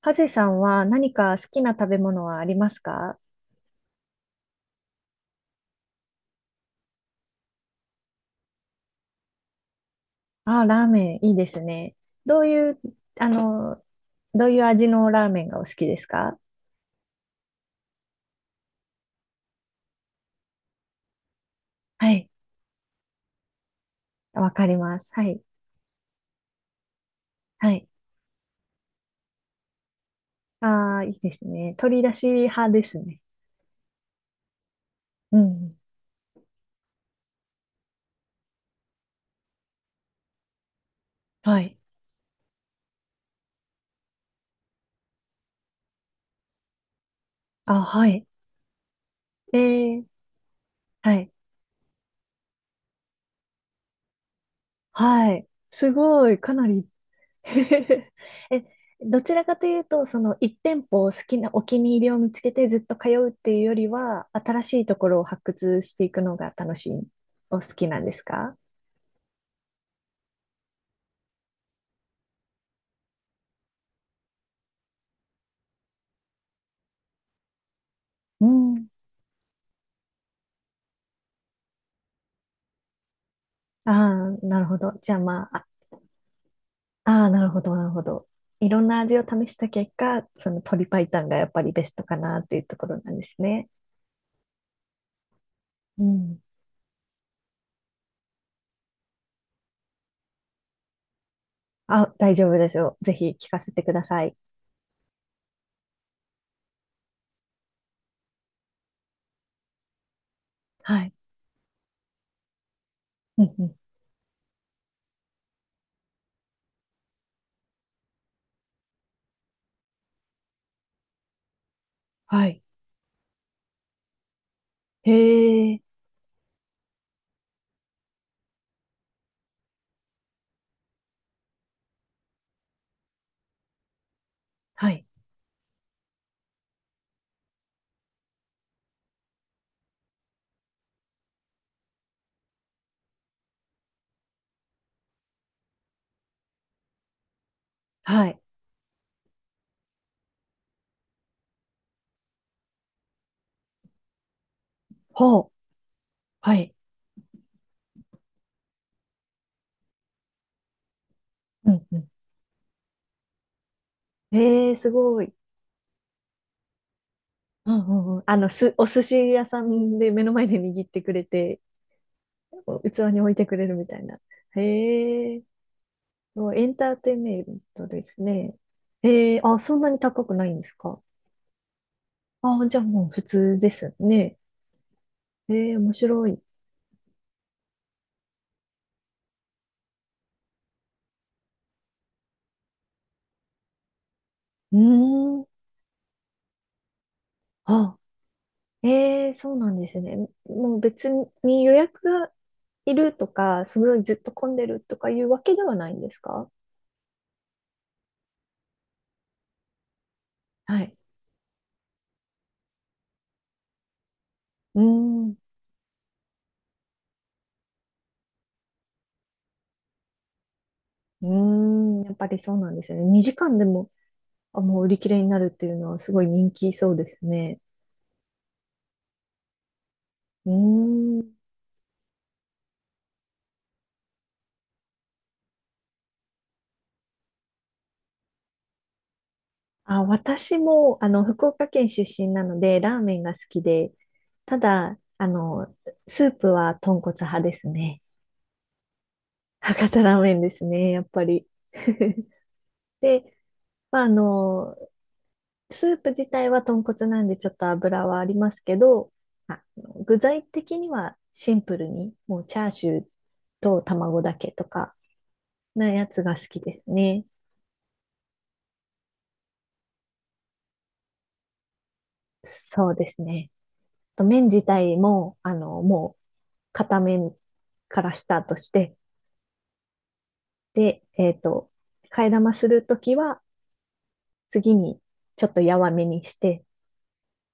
ハゼさんは何か好きな食べ物はありますか？あー、ラーメンいいですね。どういう、あの、どういう味のラーメンがお好きですか？はい。わかります。はい。はい。ああ、いいですね。鶏だし派ですね。うん。はい。あ、はい。えー、はい。はい。すごい。かなり。 え、どちらかというと、その一店舗を好きなお気に入りを見つけてずっと通うっていうよりは、新しいところを発掘していくのが楽しい、お好きなんですか？うん。ああ、なるほど。じゃあまあ、ああー、なるほど、なるほど。いろんな味を試した結果、その鶏白湯がやっぱりベストかなっていうところなんですね。うん。あ、大丈夫ですよ。ぜひ聞かせてください。はい。うんうん。はい。へえ。はい。はい。ほう。はい。うんうん。ええ、すごい。うんうんうん。お寿司屋さんで目の前で握ってくれて、お器に置いてくれるみたいな。へえ、もうエンターテインメントですね。へえ、あ、そんなに高くないんですか？あ、じゃあもう普通ですね。ええ、面白い。うーん。あ、ええ、そうなんですね。もう別に予約がいるとか、すごいずっと混んでるとかいうわけではないんですか？はい。うーん。うーん、やっぱりそうなんですよね。2時間でも、あ、もう売り切れになるっていうのはすごい人気そうですね。うーん。あ、私も、福岡県出身なので、ラーメンが好きで、ただ、スープは豚骨派ですね。博多ラーメンですね、やっぱり。で、まあ、スープ自体は豚骨なんでちょっと油はありますけど、あ具材的にはシンプルに、もうチャーシューと卵だけとか、なやつが好きですね。そうですね。と麺自体も、もう、片面からスタートして、で、替え玉するときは、次にちょっとやわめにして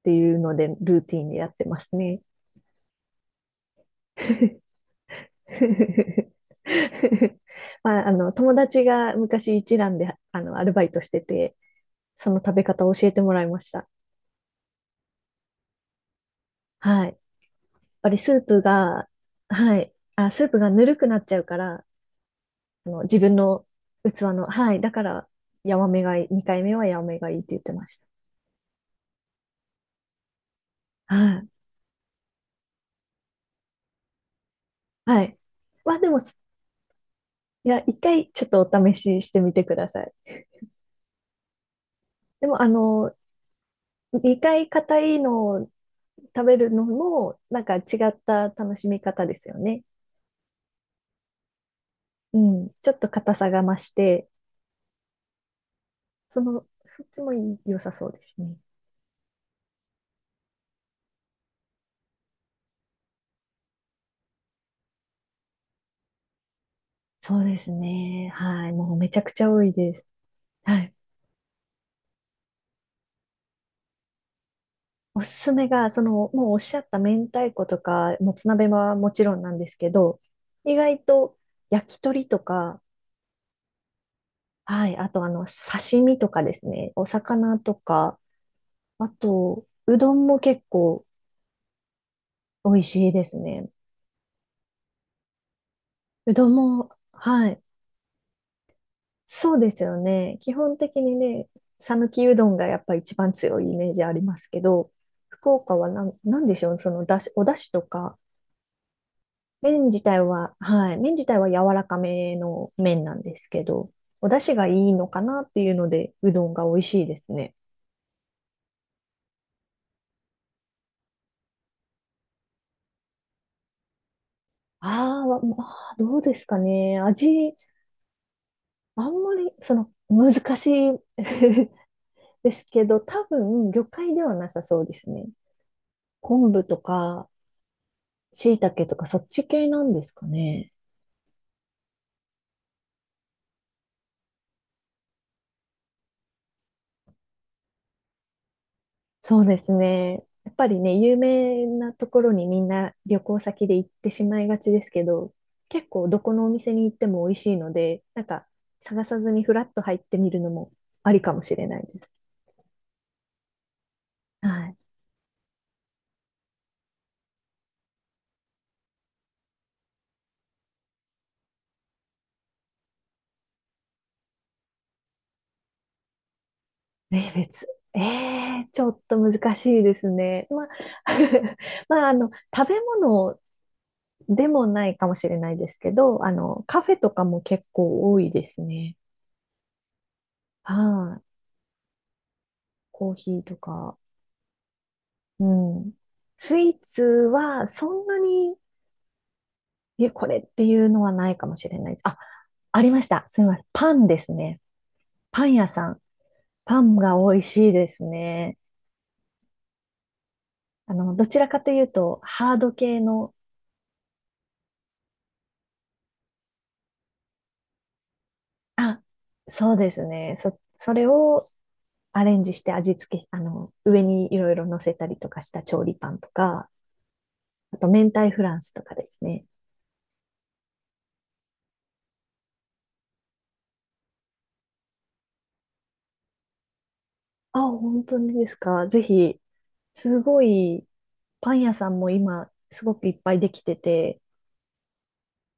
っていうので、ルーティンでやってますね。まあ、友達が昔一蘭で、アルバイトしてて、その食べ方を教えてもらいました。はい。やっぱりスープが、はい。あ、スープがぬるくなっちゃうから、自分の器の、はい。だから、ヤマメがいい、2回目はヤマメがいいって言ってました。はい。はい。まあでも、いや、1回ちょっとお試ししてみてください。でも、2回硬いのを食べるのも、なんか違った楽しみ方ですよね。うん。ちょっと硬さが増して、そっちも良さそうですね。そうですね。はい。もうめちゃくちゃ多いです。はい。おすすめが、もうおっしゃった明太子とか、もつ鍋はもちろんなんですけど、意外と焼き鳥とか、はい、あと刺身とかですね、お魚とか、あと、うどんも結構美味しいですね。うどんも、はい、そうですよね。基本的にね、讃岐うどんがやっぱ一番強いイメージありますけど、福岡はなんでしょう、そのだし、お出汁とか、麺自体は、はい、麺自体は柔らかめの麺なんですけど、お出汁がいいのかなっていうので、うどんが美味しいですね。まあ、どうですかね。味、あんまり、難しい ですけど、多分、魚介ではなさそうですね。昆布とか、椎茸とか、そっち系なんですかね。そうですね。やっぱりね、有名なところにみんな旅行先で行ってしまいがちですけど、結構どこのお店に行っても美味しいので、なんか探さずにフラッと入ってみるのもありかもしれないです。はい。名物。えちょっと難しいですね。まあ、まあ、食べ物でもないかもしれないですけど、カフェとかも結構多いですね。はい、コーヒーとか。うん。スイーツはそんなに、これっていうのはないかもしれない。あ、ありました。すみません。パンですね。パン屋さん。パンが美味しいですね。どちらかというと、ハード系の、あ、そうですね。それをアレンジして味付け、上にいろいろ乗せたりとかした調理パンとか、あと明太フランスとかですね。あ、本当にですか。ぜひ、すごい、パン屋さんも今、すごくいっぱいできてて、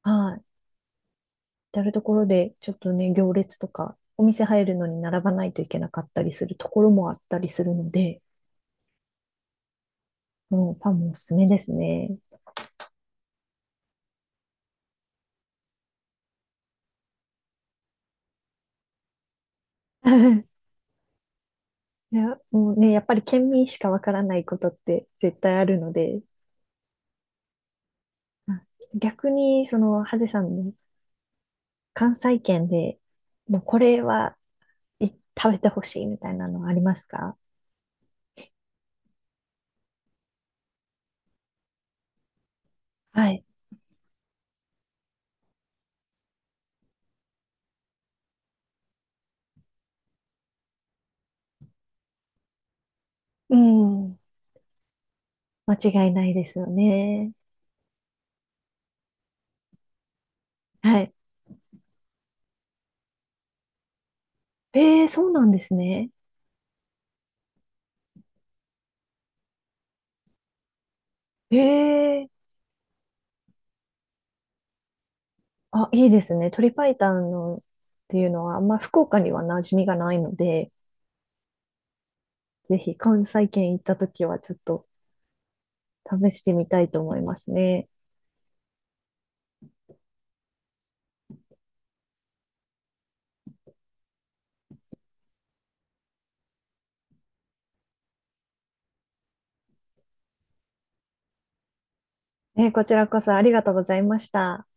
はい。至るところで、ちょっとね、行列とか、お店入るのに並ばないといけなかったりするところもあったりするので、もうパンもおすすめですね。いや、もうね、やっぱり県民しかわからないことって絶対あるので、あ逆に、ハゼさんの関西圏で、もうこれはい食べてほしいみたいなのはありますか？はい。うん。間違いないですよね。はい。ええ、そうなんですね。ええ、あ、いいですね。鶏白湯のっていうのは、あんま福岡には馴染みがないので、ぜひ関西圏行った時はちょっと試してみたいと思いますね。こちらこそありがとうございました。